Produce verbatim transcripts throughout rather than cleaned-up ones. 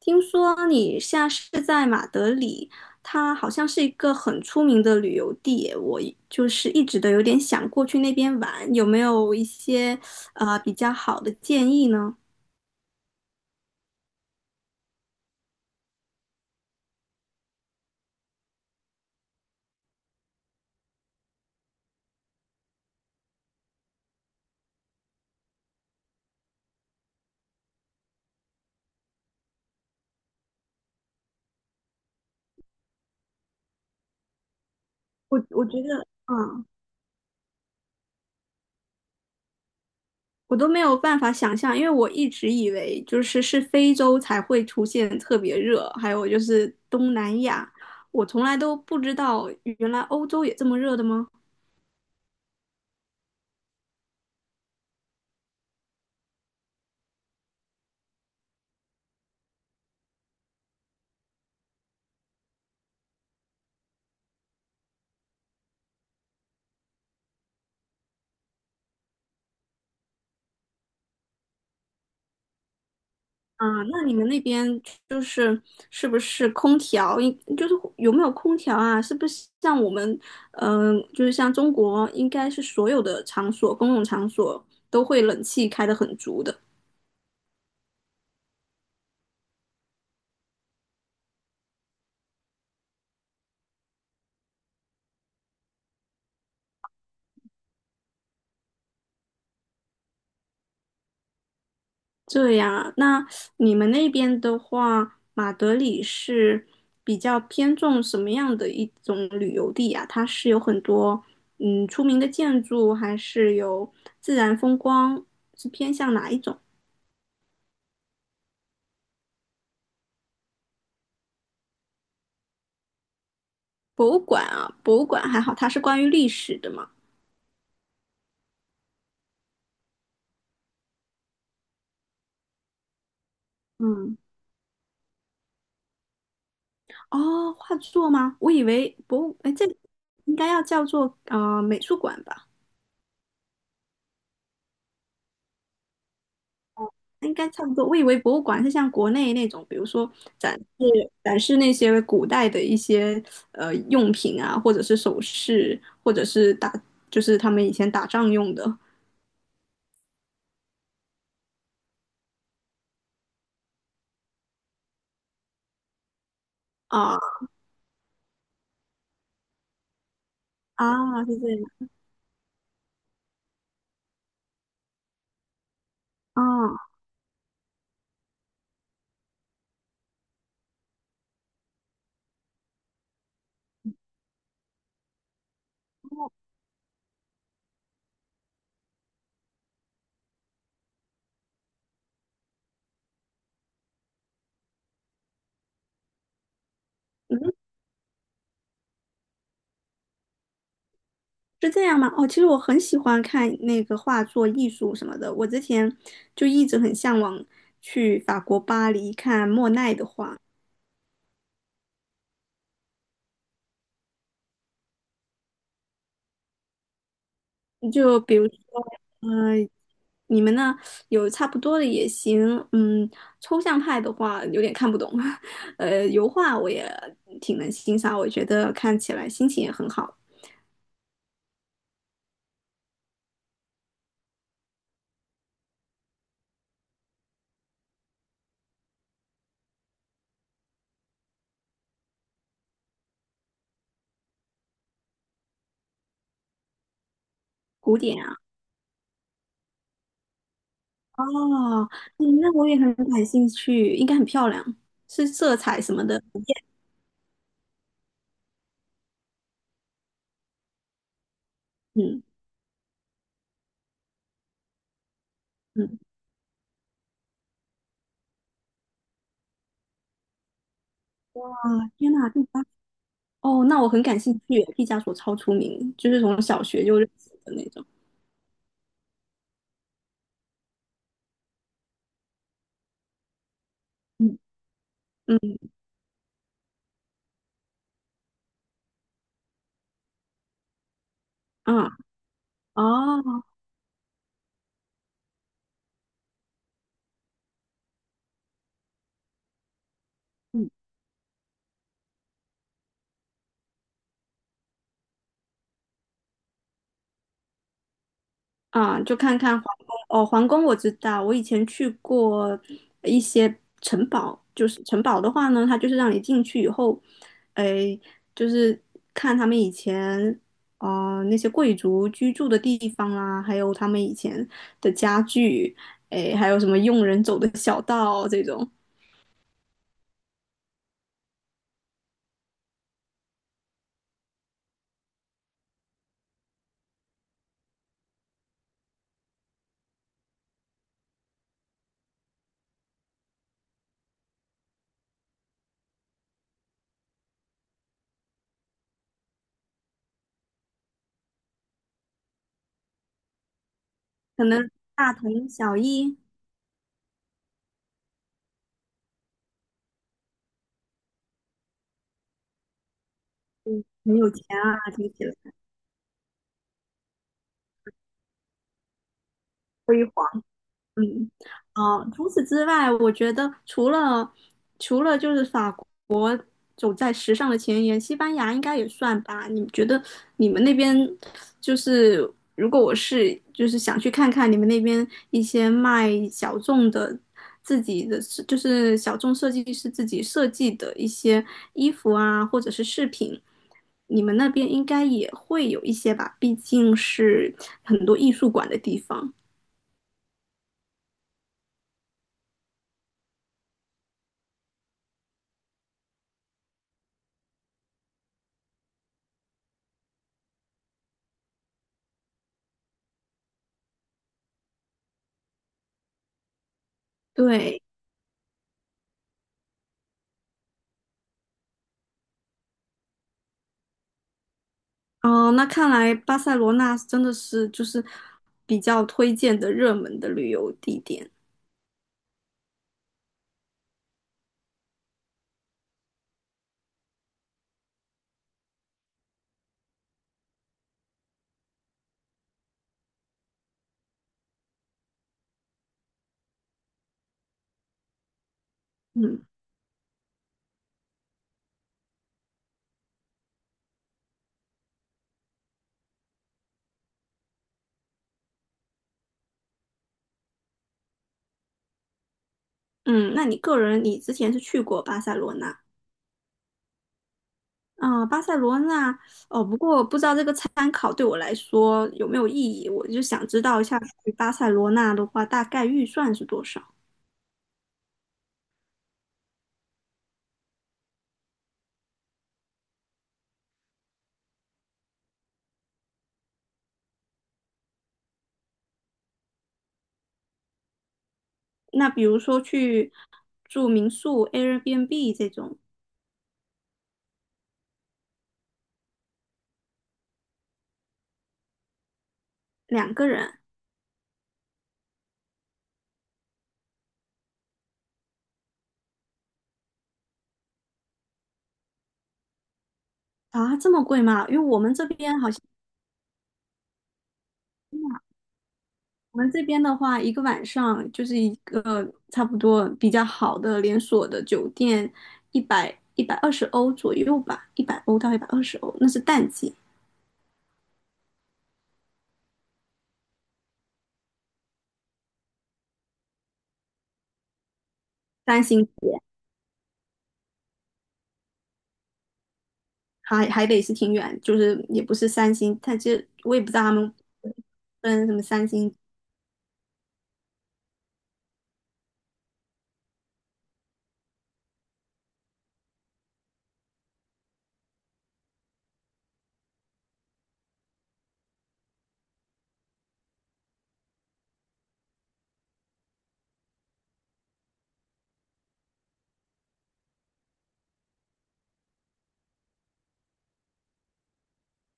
听说你现在是在马德里，它好像是一个很出名的旅游地耶。我一就是一直都有点想过去那边玩，有没有一些呃比较好的建议呢？我我觉得，嗯。我都没有办法想象，因为我一直以为就是是非洲才会出现特别热，还有就是东南亚，我从来都不知道原来欧洲也这么热的吗？啊，那你们那边就是是不是空调？应就是有没有空调啊？是不是像我们，嗯、就是像中国，应该是所有的场所，公共场所都会冷气开得很足的。这样啊，那你们那边的话，马德里是比较偏重什么样的一种旅游地啊？它是有很多嗯出名的建筑，还是有自然风光？是偏向哪一种？博物馆啊，博物馆还好，它是关于历史的嘛。嗯。哦，画作吗？我以为博物，哎，这应该要叫做呃美术馆吧，应该差不多。我以为博物馆是像国内那种，比如说展示展示那些古代的一些呃用品啊，或者是首饰，或者是打，就是他们以前打仗用的。啊啊，是这样啊。嗯。是这样吗？哦，其实我很喜欢看那个画作、艺术什么的。我之前就一直很向往去法国巴黎看莫奈的画。就比如说，嗯、你们呢？有差不多的也行。嗯，抽象派的话有点看不懂。呃，油画我也挺能欣赏，我觉得看起来心情也很好。古典啊。哦。嗯那我也很感兴趣，应该很漂亮，是色彩什么的。嗯嗯。天呐。哦，那我很感兴趣，毕加索超出名，就是从小学就认识的那种。嗯。嗯。啊。哦。嗯。啊，就看看皇宫。哦，皇宫我知道，我以前去过一些城堡，就是城堡的话呢，它就是让你进去以后。哎，就是看他们以前呃那些贵族居住的地方啦、还有他们以前的家具。哎，还有什么佣人走的小道这种。可能大同小异。嗯，很有钱啊，听起来辉煌。嗯。哦，除此之外，我觉得除了除了就是法国走在时尚的前沿，西班牙应该也算吧？你觉得你们那边就是如果我是就是想去看看你们那边一些卖小众的自己的就是小众设计师自己设计的一些衣服啊，或者是饰品，你们那边应该也会有一些吧？毕竟是很多艺术馆的地方。对。哦，那看来巴塞罗那真的是就是比较推荐的热门的旅游地点。嗯。嗯，那你个人你之前是去过巴塞罗那？啊、巴塞罗那。哦，不过不知道这个参考对我来说有没有意义，我就想知道一下去巴塞罗那的话，大概预算是多少？那比如说去住民宿、Airbnb 这种。两个人。啊，这么贵吗？因为我们这边好像。我们这边的话，一个晚上就是一个差不多比较好的连锁的酒店，一百一百二十欧左右吧，一百欧到一百二十欧，那是淡季，三星级。还还得是挺远，就是也不是三星，但其实我也不知道他们分什么三星。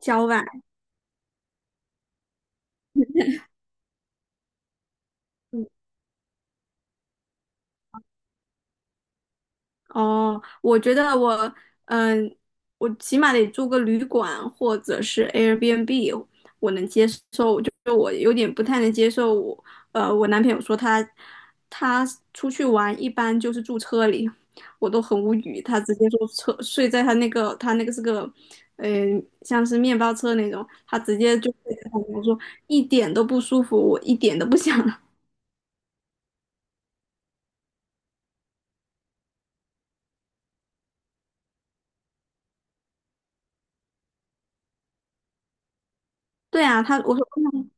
郊外。嗯。哦，我觉得我，嗯、我起码得住个旅馆或者是 Airbnb，我能接受。就我有点不太能接受我，呃，我男朋友说他他出去玩一般就是住车里，我都很无语。他直接说车睡在他那个他那个是个，呃，像是面包车那种，他直接就睡在旁边我说一点都不舒服，我一点都不想。对啊，他我说，嗯，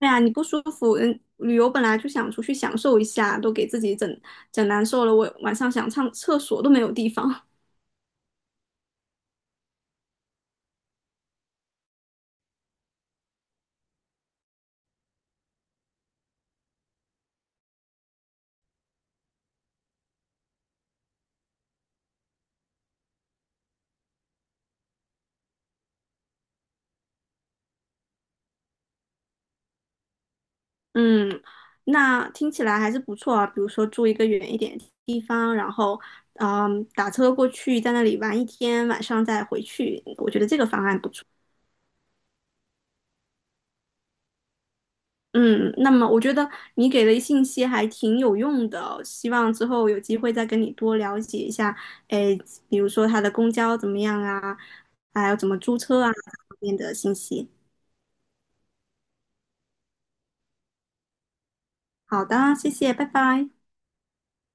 对啊，你不舒服，嗯，旅游本来就想出去享受一下，都给自己整整难受了，我晚上想上厕所都没有地方。嗯，那听起来还是不错啊。比如说住一个远一点的地方，然后嗯打车过去，在那里玩一天，晚上再回去，我觉得这个方案不错。嗯，那么我觉得你给的信息还挺有用的哦，希望之后有机会再跟你多了解一下。哎，比如说它的公交怎么样啊，还有怎么租车啊，这方面的信息。好的，谢谢，拜拜。